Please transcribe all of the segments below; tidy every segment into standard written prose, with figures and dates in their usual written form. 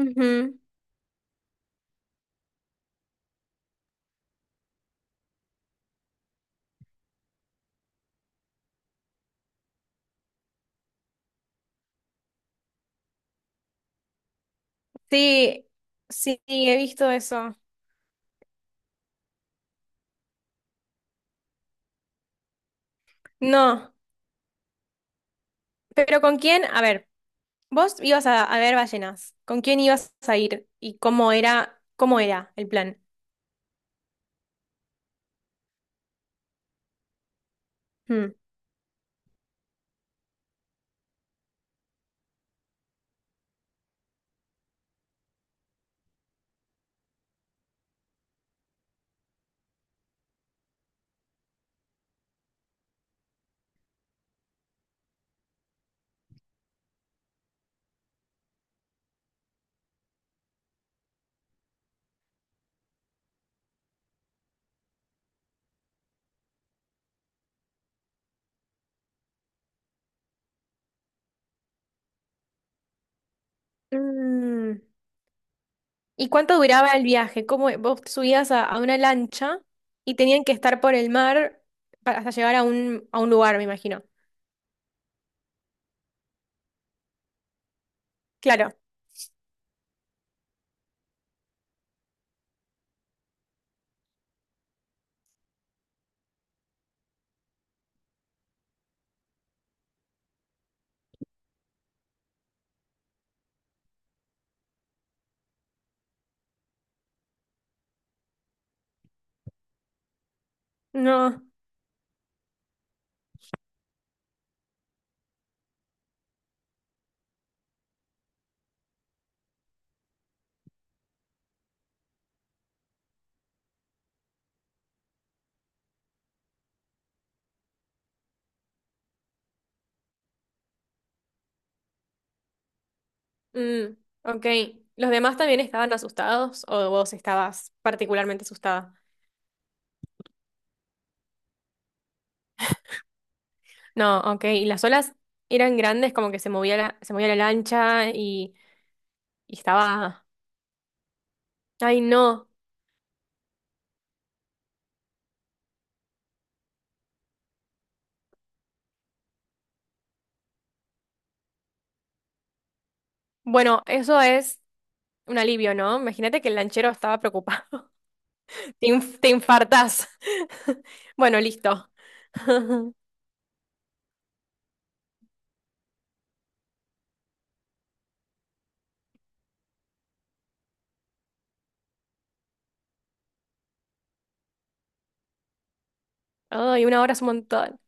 Ujú. Sí, sí, sí, he visto eso. No, pero ¿con quién? A ver, vos ibas a ver ballenas. ¿Con quién ibas a ir? ¿Y cómo era el plan? Mm. Mm. ¿Y cuánto duraba el viaje? ¿Cómo vos te subías a una lancha y tenían que estar por el mar para, hasta llegar a un lugar, me imagino? Claro. No. Mm, ok. ¿Los demás también estaban asustados o vos estabas particularmente asustada? No, ok. Y las olas eran grandes, como que se movía la lancha y estaba. Ay, no. Bueno, eso es un alivio, ¿no? Imagínate que el lanchero estaba preocupado. Te, te infartás. Bueno, listo. Ay, una hora es un montón.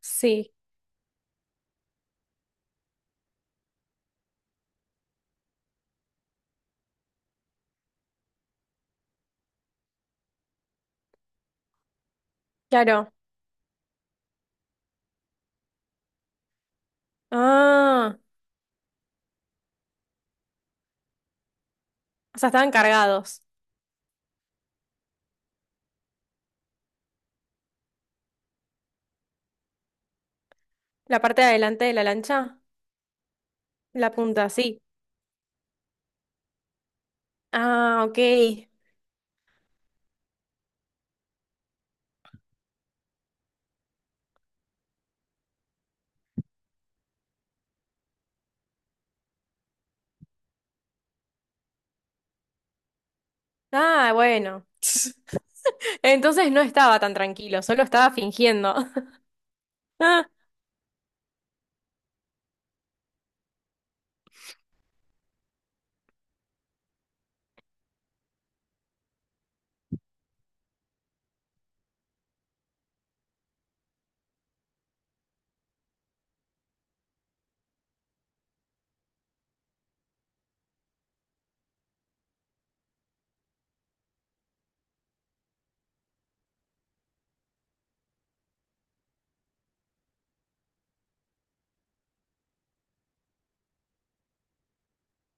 Sí, claro. Ah, o sea, estaban cargados. La parte de adelante de la lancha, la punta, sí. Ah, ok. Ah, bueno. Entonces no estaba tan tranquilo, solo estaba fingiendo. Ah,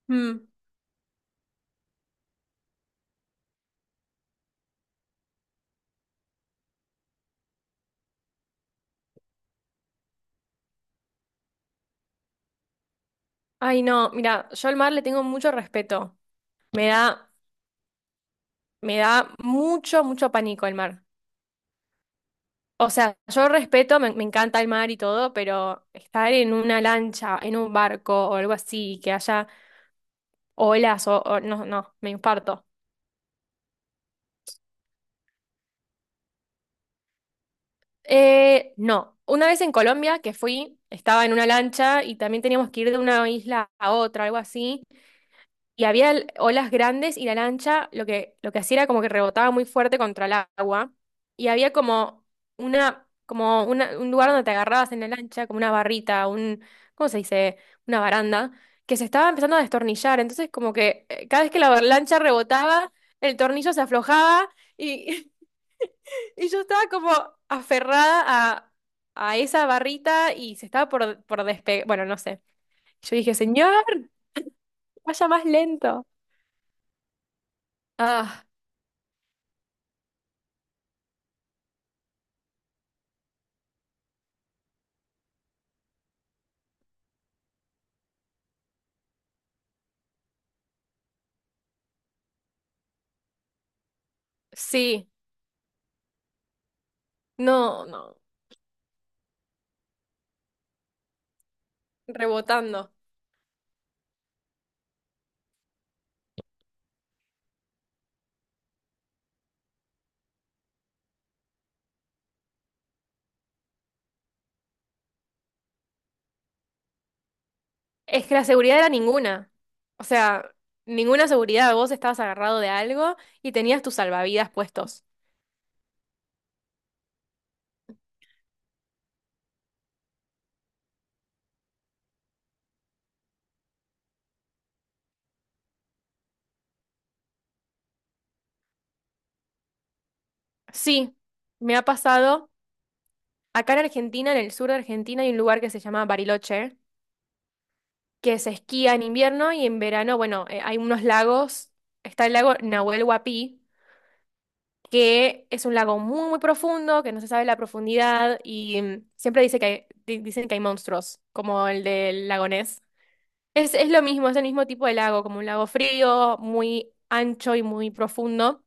mm. Ay, no, mira, yo al mar le tengo mucho respeto. Me da, me da mucho, mucho pánico el mar. O sea, yo respeto, me encanta el mar y todo, pero estar en una lancha, en un barco o algo así, que haya olas no, no, me infarto. No, una vez en Colombia que fui, estaba en una lancha y también teníamos que ir de una isla a otra, algo así. Y había olas grandes y la lancha lo que hacía era como que rebotaba muy fuerte contra el agua y había como una, como un lugar donde te agarrabas en la lancha, como una barrita, un, ¿cómo se dice? Una baranda, que se estaba empezando a destornillar, entonces como que cada vez que la lancha rebotaba, el tornillo se aflojaba y, y yo estaba como aferrada a esa barrita y se estaba por despegar, bueno, no sé. Yo dije, señor, vaya más lento. Ah, sí. No, no, rebotando. Es que la seguridad era ninguna. O sea, ninguna seguridad. Vos estabas agarrado de algo y tenías tus salvavidas puestos. Sí, me ha pasado. Acá en Argentina, en el sur de Argentina, hay un lugar que se llama Bariloche, que se esquía en invierno y en verano, bueno, hay unos lagos. Está el lago Nahuel Huapi, que es un lago muy, muy profundo, que no se sabe la profundidad y siempre dice que dicen que hay monstruos, como el del lago Ness. Es lo mismo, es el mismo tipo de lago, como un lago frío, muy ancho y muy profundo.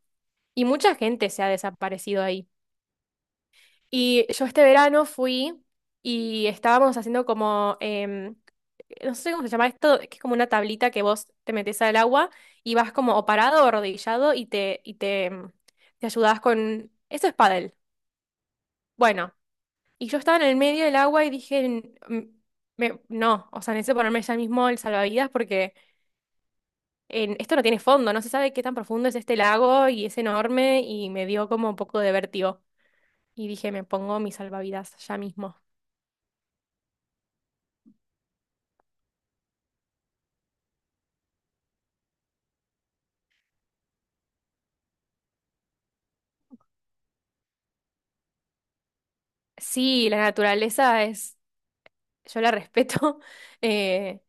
Y mucha gente se ha desaparecido ahí. Y yo este verano fui y estábamos haciendo como, no sé cómo se llama esto, que es como una tablita que vos te metes al agua y vas como o parado o arrodillado y te, te ayudás con... Eso es pádel. Bueno, y yo estaba en el medio del agua y dije: "Mm, no, o sea, necesito ponerme ya mismo el salvavidas porque... esto no tiene fondo, no se sabe qué tan profundo es este lago y es enorme y me dio como un poco de vértigo. Y dije, me pongo mis salvavidas ya mismo. Sí, la naturaleza es, yo la respeto. eh,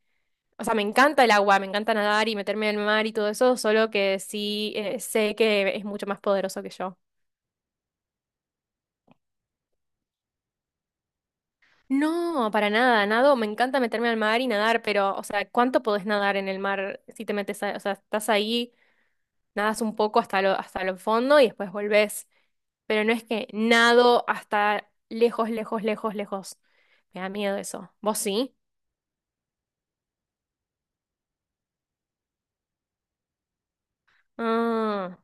o sea, me encanta el agua, me encanta nadar y meterme al mar y todo eso, solo que sí, sé que es mucho más poderoso que yo. No, para nada, nado, me encanta meterme al mar y nadar, pero, o sea, ¿cuánto podés nadar en el mar si te metes, o sea, estás ahí, nadas un poco hasta lo, hasta el fondo y después volvés? Pero no es que nado hasta lejos, lejos, lejos, lejos. Me da miedo eso. ¿Vos sí? Ah,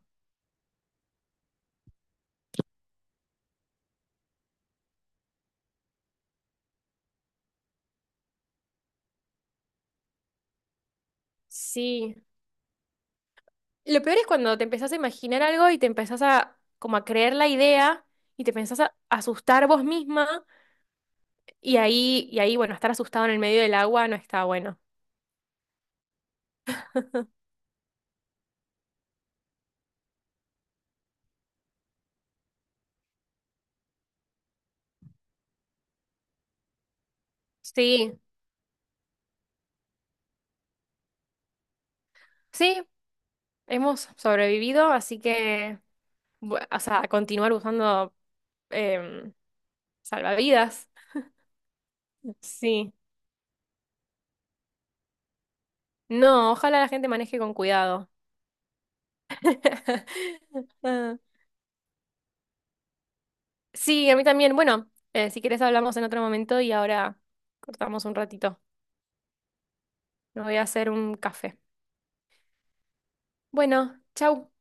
sí. Lo peor es cuando te empezás a imaginar algo y te empezás a como a creer la idea y te empezás a asustar vos misma y ahí, bueno, estar asustado en el medio del agua no está bueno. Sí, sí, hemos sobrevivido, así que, o sea, continuar usando em, salvavidas. Sí. No, ojalá la gente maneje con cuidado. Ah, sí, a mí también. Bueno, si querés hablamos en otro momento y ahora cortamos un ratito. Me voy a hacer un café. Bueno, chau.